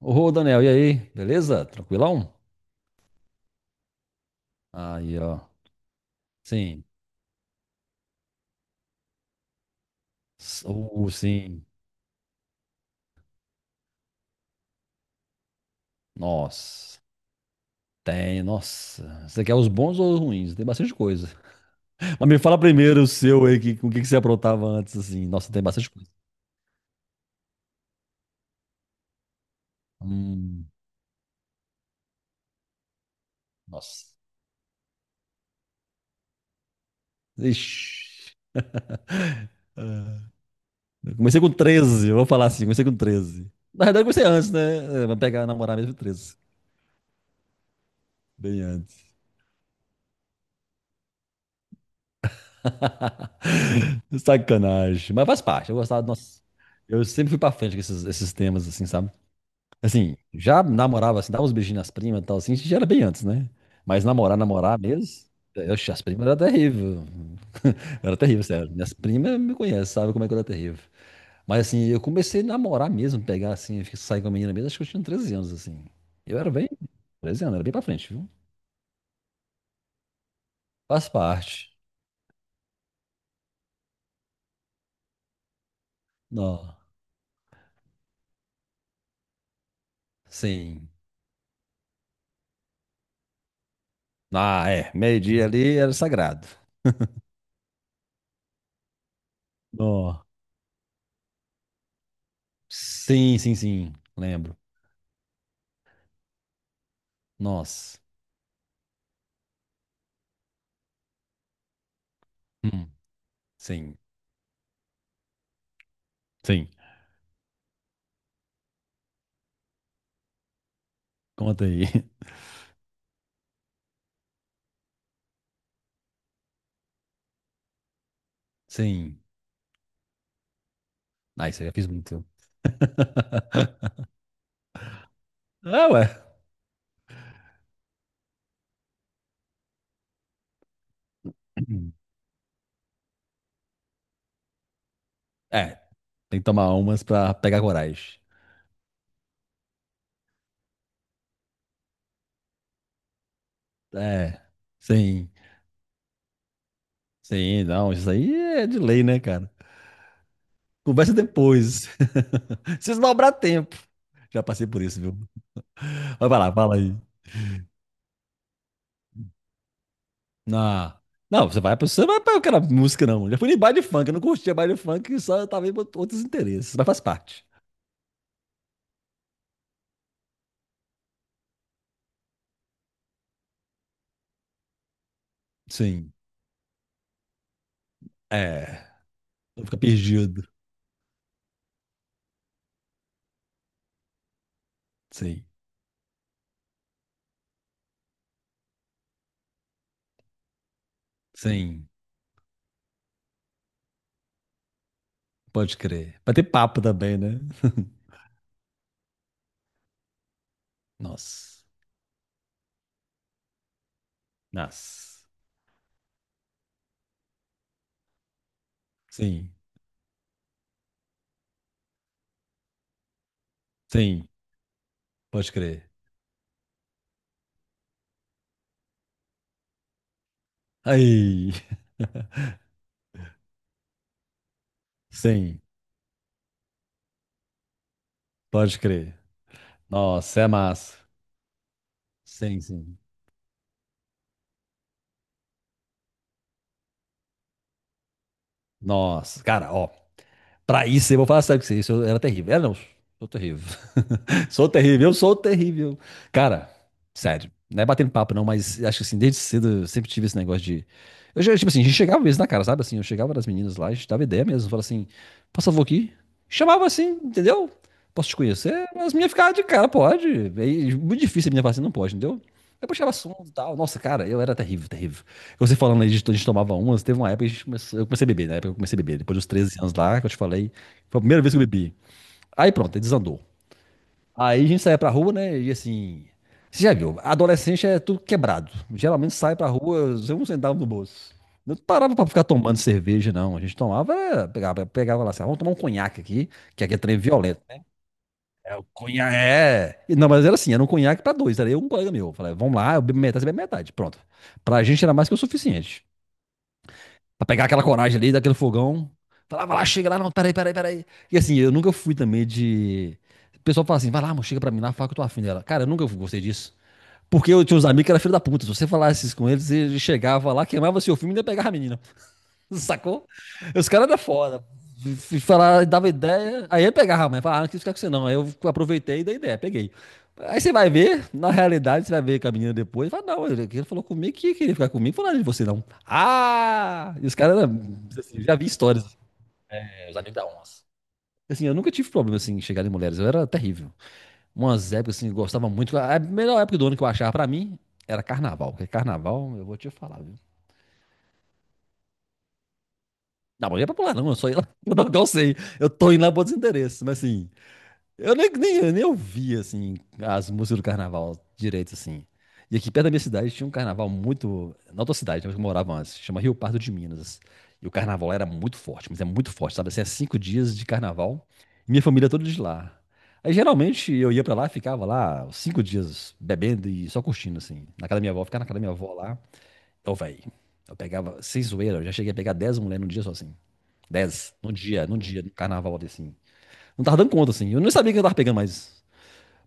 Ô, Daniel, e aí? Beleza? Tranquilão? Aí, ó. Sim. S- sim. Nossa. Tem, nossa. Você quer os bons ou os ruins? Tem bastante coisa. Mas me fala primeiro o seu aí, que, o que que você aprontava antes, assim. Nossa, tem bastante coisa. Hum. Nossa. Ixi. Eu comecei com 13. Eu vou falar assim, comecei com 13. Na verdade, eu comecei antes, né? É, vai pegar namorar mesmo com 13. Bem antes. Sacanagem. Mas faz parte, eu gostava, nossa. Eu sempre fui pra frente com esses temas, assim, sabe? Assim, já namorava, assim, dava uns beijinhos nas primas e tal, assim, isso já era bem antes, né? Mas namorar, namorar mesmo, eu, oxe, as primas era terrível. Eu era terrível, sério. Minhas primas me conhecem, sabem como é que eu era terrível. Mas assim, eu comecei a namorar mesmo, pegar assim, sair com a menina mesmo, acho que eu tinha 13 anos, assim. Eu era bem, 13 anos, era bem pra frente, viu? Faz parte. Não, sim. Ah, é, meio-dia ali era sagrado. Não. Sim, sim, sim, lembro. Nossa. Hum, sim, sim. Conta aí. Sim. Ah, isso eu já fiz muito. Ah, ué. É, tem que tomar umas pra pegar coragem. É, sim. Sim, não, isso aí é de lei, né, cara? Conversa depois. Se sobrar tempo. Já passei por isso, viu? Mas vai lá, fala aí. Ah, não, você vai pra. Você vai pra aquela música, não. Já fui em baile funk, eu não curtia baile funk, só tava em outros interesses, mas faz parte. Sim. É. Não fica perdido. Sim. Sim. Pode crer. Vai ter papo também, né? Nossa. Nossa. Sim, sim, pode crer. Aí. Sim, pode crer. Nossa, é massa. Sim, sim. Nossa, cara, ó, pra isso, eu vou falar sério com você. Isso eu era terrível. Era não, sou terrível. Sou terrível, eu sou terrível. Cara, sério. Não é batendo papo, não, mas acho que assim, desde cedo eu sempre tive esse negócio de. Eu, já, tipo assim, a gente chegava mesmo na cara, sabe? Assim, eu chegava das meninas lá, a gente dava ideia mesmo. Falava assim, posso favor aqui? Chamava assim, entendeu? Posso te conhecer? As meninas ficavam de cara, pode. É muito difícil a menina falar assim, não pode, entendeu? Eu puxava assunto e tal. Nossa, cara, eu era terrível, terrível. Você falando aí, a gente tomava umas, teve uma época que a gente começou, eu comecei a beber, né? Na época que eu comecei a beber, depois dos 13 anos lá, que eu te falei, foi a primeira vez que eu bebi. Aí pronto, aí desandou. Aí a gente saía pra rua, né, e assim, você já viu, adolescente é tudo quebrado. Geralmente sai pra rua, sem um centavo no bolso. Não parava pra ficar tomando cerveja, não. A gente tomava, pegava lá, assim, "Ah, vamos tomar um conhaque aqui, que aqui é trem violento, né?" É, o conhaque, é. E não, mas era assim, era um conhaque pra dois, era eu e um colega meu. Eu falei, vamos lá, eu bebo metade, você bebe metade, pronto. Pra gente era mais que o suficiente. Pra pegar aquela coragem ali, daquele fogão. Falava lá, chega lá, não, peraí, peraí, peraí. E assim, eu nunca fui também de. O pessoal fala assim, vai lá, amor, chega pra mim lá, fala que eu tô afim dela. Cara, eu nunca gostei disso. Porque eu tinha uns amigos que eram filho da puta. Se você falasse isso com eles, ele chegava lá, queimava seu filme e ainda pegava a menina. Sacou? Os caras da fora e falar, dava ideia, aí ele pegava a mãe, falava, ah, não quis ficar com você não. Aí eu aproveitei e dei ideia, peguei. Aí você vai ver, na realidade, você vai ver com a menina depois, fala, não, ele falou comigo que queria ficar comigo, falou nada de você não. Ah! E os caras, assim, já vi histórias, é, os amigos da onça. Assim, eu nunca tive problema, assim, em chegar em mulheres, eu era terrível. Umas épocas, assim, eu gostava muito, a melhor época do ano que eu achava pra mim era carnaval, porque carnaval, eu vou te falar. Não, mas não ia pra pular, não. Eu só ia lá. Eu não sei. Eu tô indo lá por desinteresse. Mas assim, eu nem ouvia assim, as músicas do carnaval direito, assim. E aqui perto da minha cidade tinha um carnaval muito. Na outra cidade, onde eu morava antes, chama Rio Pardo de Minas. E o carnaval era muito forte, mas é muito forte, sabe? Assim, é 5 dias de carnaval. E minha família toda de lá. Aí geralmente eu ia pra lá, ficava lá uns 5 dias bebendo e só curtindo, assim. Na casa da minha avó, ficava na casa da minha avó lá. Ô, velho, eu pegava, sem zoeira, eu já cheguei a pegar 10 mulheres num dia só assim 10 num dia, no carnaval, assim. Não tava dando conta, assim. Eu não sabia que eu tava pegando, mais.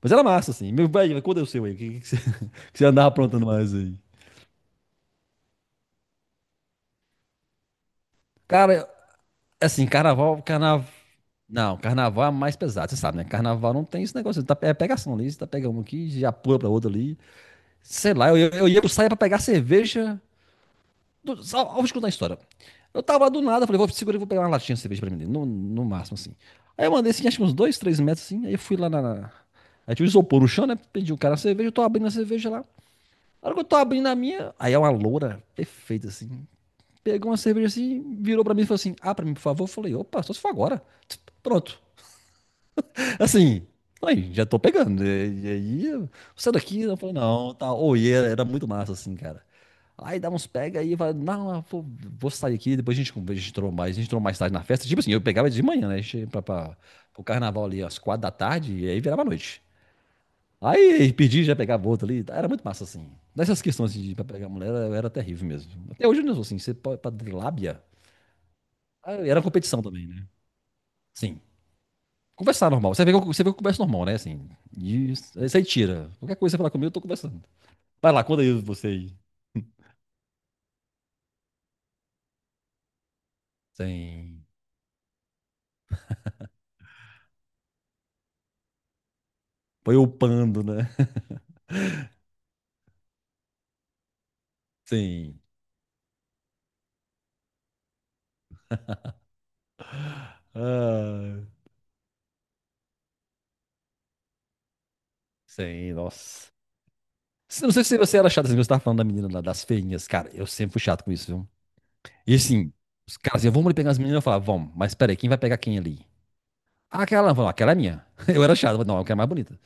Mas era massa, assim. Meu velho, quando é o seu aí? O que você, que você andava aprontando mais aí? Cara, assim, carnaval, carnaval. Não, carnaval é mais pesado, você sabe, né? Carnaval não tem esse negócio. Tá, é pegação ali, você tá pegando um aqui, já pula pra outra ali. Sei lá, eu ia pro saia pra pegar cerveja ao escutar a história. Eu tava lá do nada, falei, vou segurar e vou pegar uma latinha de cerveja pra mim, no máximo, assim. Aí eu mandei, assim, acho que uns dois, três metros, assim, aí eu fui lá. Aí tinha um isopor no chão, né, pedi um cara a cerveja, eu tô abrindo a cerveja lá. Na hora que eu tô abrindo a minha, aí é uma loura perfeita, assim. Pegou uma cerveja, assim, virou pra mim e falou assim, ah, pra mim, por favor. Eu falei, opa, só se for agora. Pronto. Assim, aí, já tô pegando. E aí, você daqui, eu falei, não, tá. Ou e era muito massa, assim, cara. Aí dá uns pega aí, vai, não, eu vou sair aqui, depois a gente entrou mais tarde na festa. Tipo assim, eu pegava de manhã, né? A gente ia pro carnaval ali às 4 da tarde, e aí virava noite. Aí pedi, já pegava outro ali. Era muito massa, assim. Nessas questões assim, de pra pegar mulher, era terrível mesmo. Até hoje eu não sou assim, você pode, pra lábia. Ah, era competição também, né? Sim. Conversar normal. Você vê que eu converso normal, né? Assim. Aí você tira. Qualquer coisa que você falar comigo, eu tô conversando. Vai lá, conta aí você aí. Sem. Foi upando, né? Sim. Ah, sim, nossa. Não sei se você era chato assim, você tava falando da menina lá, das feinhas. Cara, eu sempre fui chato com isso, viu? E assim, os caras iam, vamos ali pegar as meninas. Eu falava, vamos, mas peraí, quem vai pegar quem ali? Ah, aquela, eu falava, aquela é minha. Eu era chato, eu falava, não, aquela quero mais bonita.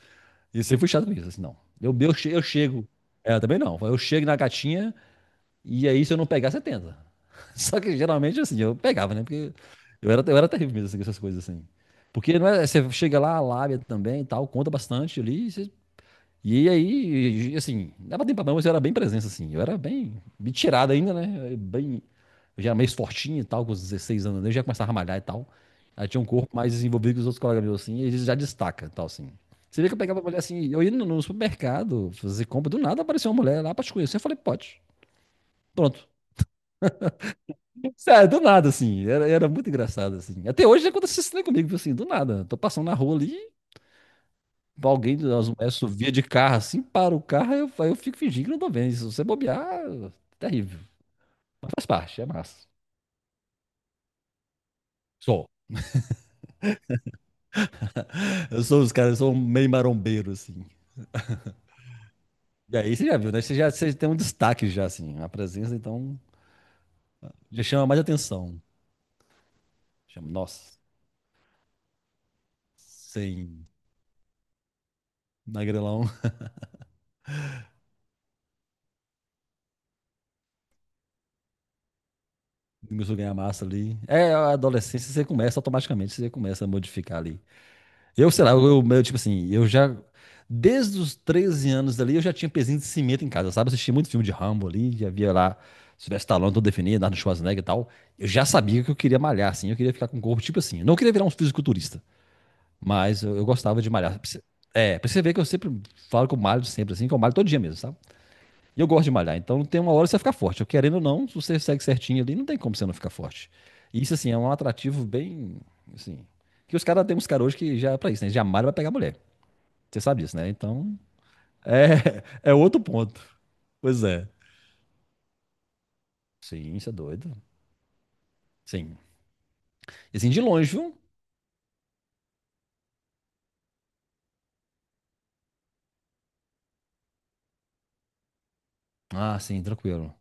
E eu sempre fui chato com isso, assim, não. Eu chego. Ela também não. Eu chego na gatinha. E aí, se eu não pegar, você tenta. Só que geralmente, assim, eu pegava, né? Porque eu era terrível mesmo, assim, com essas coisas, assim. Porque não é, você chega lá, a lábia também e tal, conta bastante ali. Assim, dava tempo pra não, mas eu era bem presença, assim. Eu era bem, bem tirado ainda, né? Eu já era meio fortinho e tal, com os 16 anos, né, eu já começava a malhar e tal. Aí tinha um corpo mais desenvolvido que os outros colegas meus, assim, e eles já destacam e tal, assim. Você vê que eu pegava a mulher assim, eu ia no supermercado fazer compra, do nada apareceu uma mulher lá pra te conhecer. Eu falei, pode. Pronto. Sério, do nada, assim. Era muito engraçado, assim. Até hoje acontece isso né, comigo, assim, do nada. Tô passando na rua ali, alguém das mulheres subia de carro, assim, para o carro, aí eu fico fingindo que não tô vendo. Se você bobear, é terrível. Mas faz parte, é massa. Sou. Eu sou os caras, eu sou um meio marombeiro, assim. E aí você já viu, né? Você tem um destaque já, assim. A presença, então, já chama mais atenção. Chama, nossa, sem magrelão, começou a ganhar massa ali. É, a adolescência, você começa automaticamente, você começa a modificar ali. Eu, sei lá, tipo assim, eu já. Desde os 13 anos ali, eu já tinha pezinho de cimento em casa, sabe? Eu assisti muito filme de Rambo ali, já via lá Sylvester Stallone, todo definido, Arnold Schwarzenegger e tal. Eu já sabia que eu queria malhar, assim, eu queria ficar com o corpo, tipo assim. Eu não queria virar um fisiculturista, mas eu gostava de malhar. É, pra você ver que eu sempre falo que eu malho sempre, assim, que eu malho todo dia mesmo, sabe? E eu gosto de malhar, então tem uma hora que você vai ficar forte. Eu querendo ou não, se você segue certinho ali, não tem como você não ficar forte. E isso, assim, é um atrativo bem, assim. Que os caras, tem uns caras hoje que já é pra isso, né? Já malha pra pegar mulher. Você sabe disso, né? Então, é, é outro ponto. Pois é. Sim, isso é doido. Sim. E assim, de longe, viu? Ah, sim, tranquilo.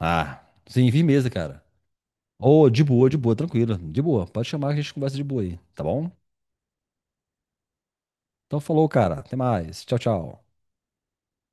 Ah, sim, vi mesa, cara. Ô, de boa, tranquilo. De boa. Pode chamar que a gente conversa de boa aí, tá bom? Então falou, cara. Até mais. Tchau, tchau.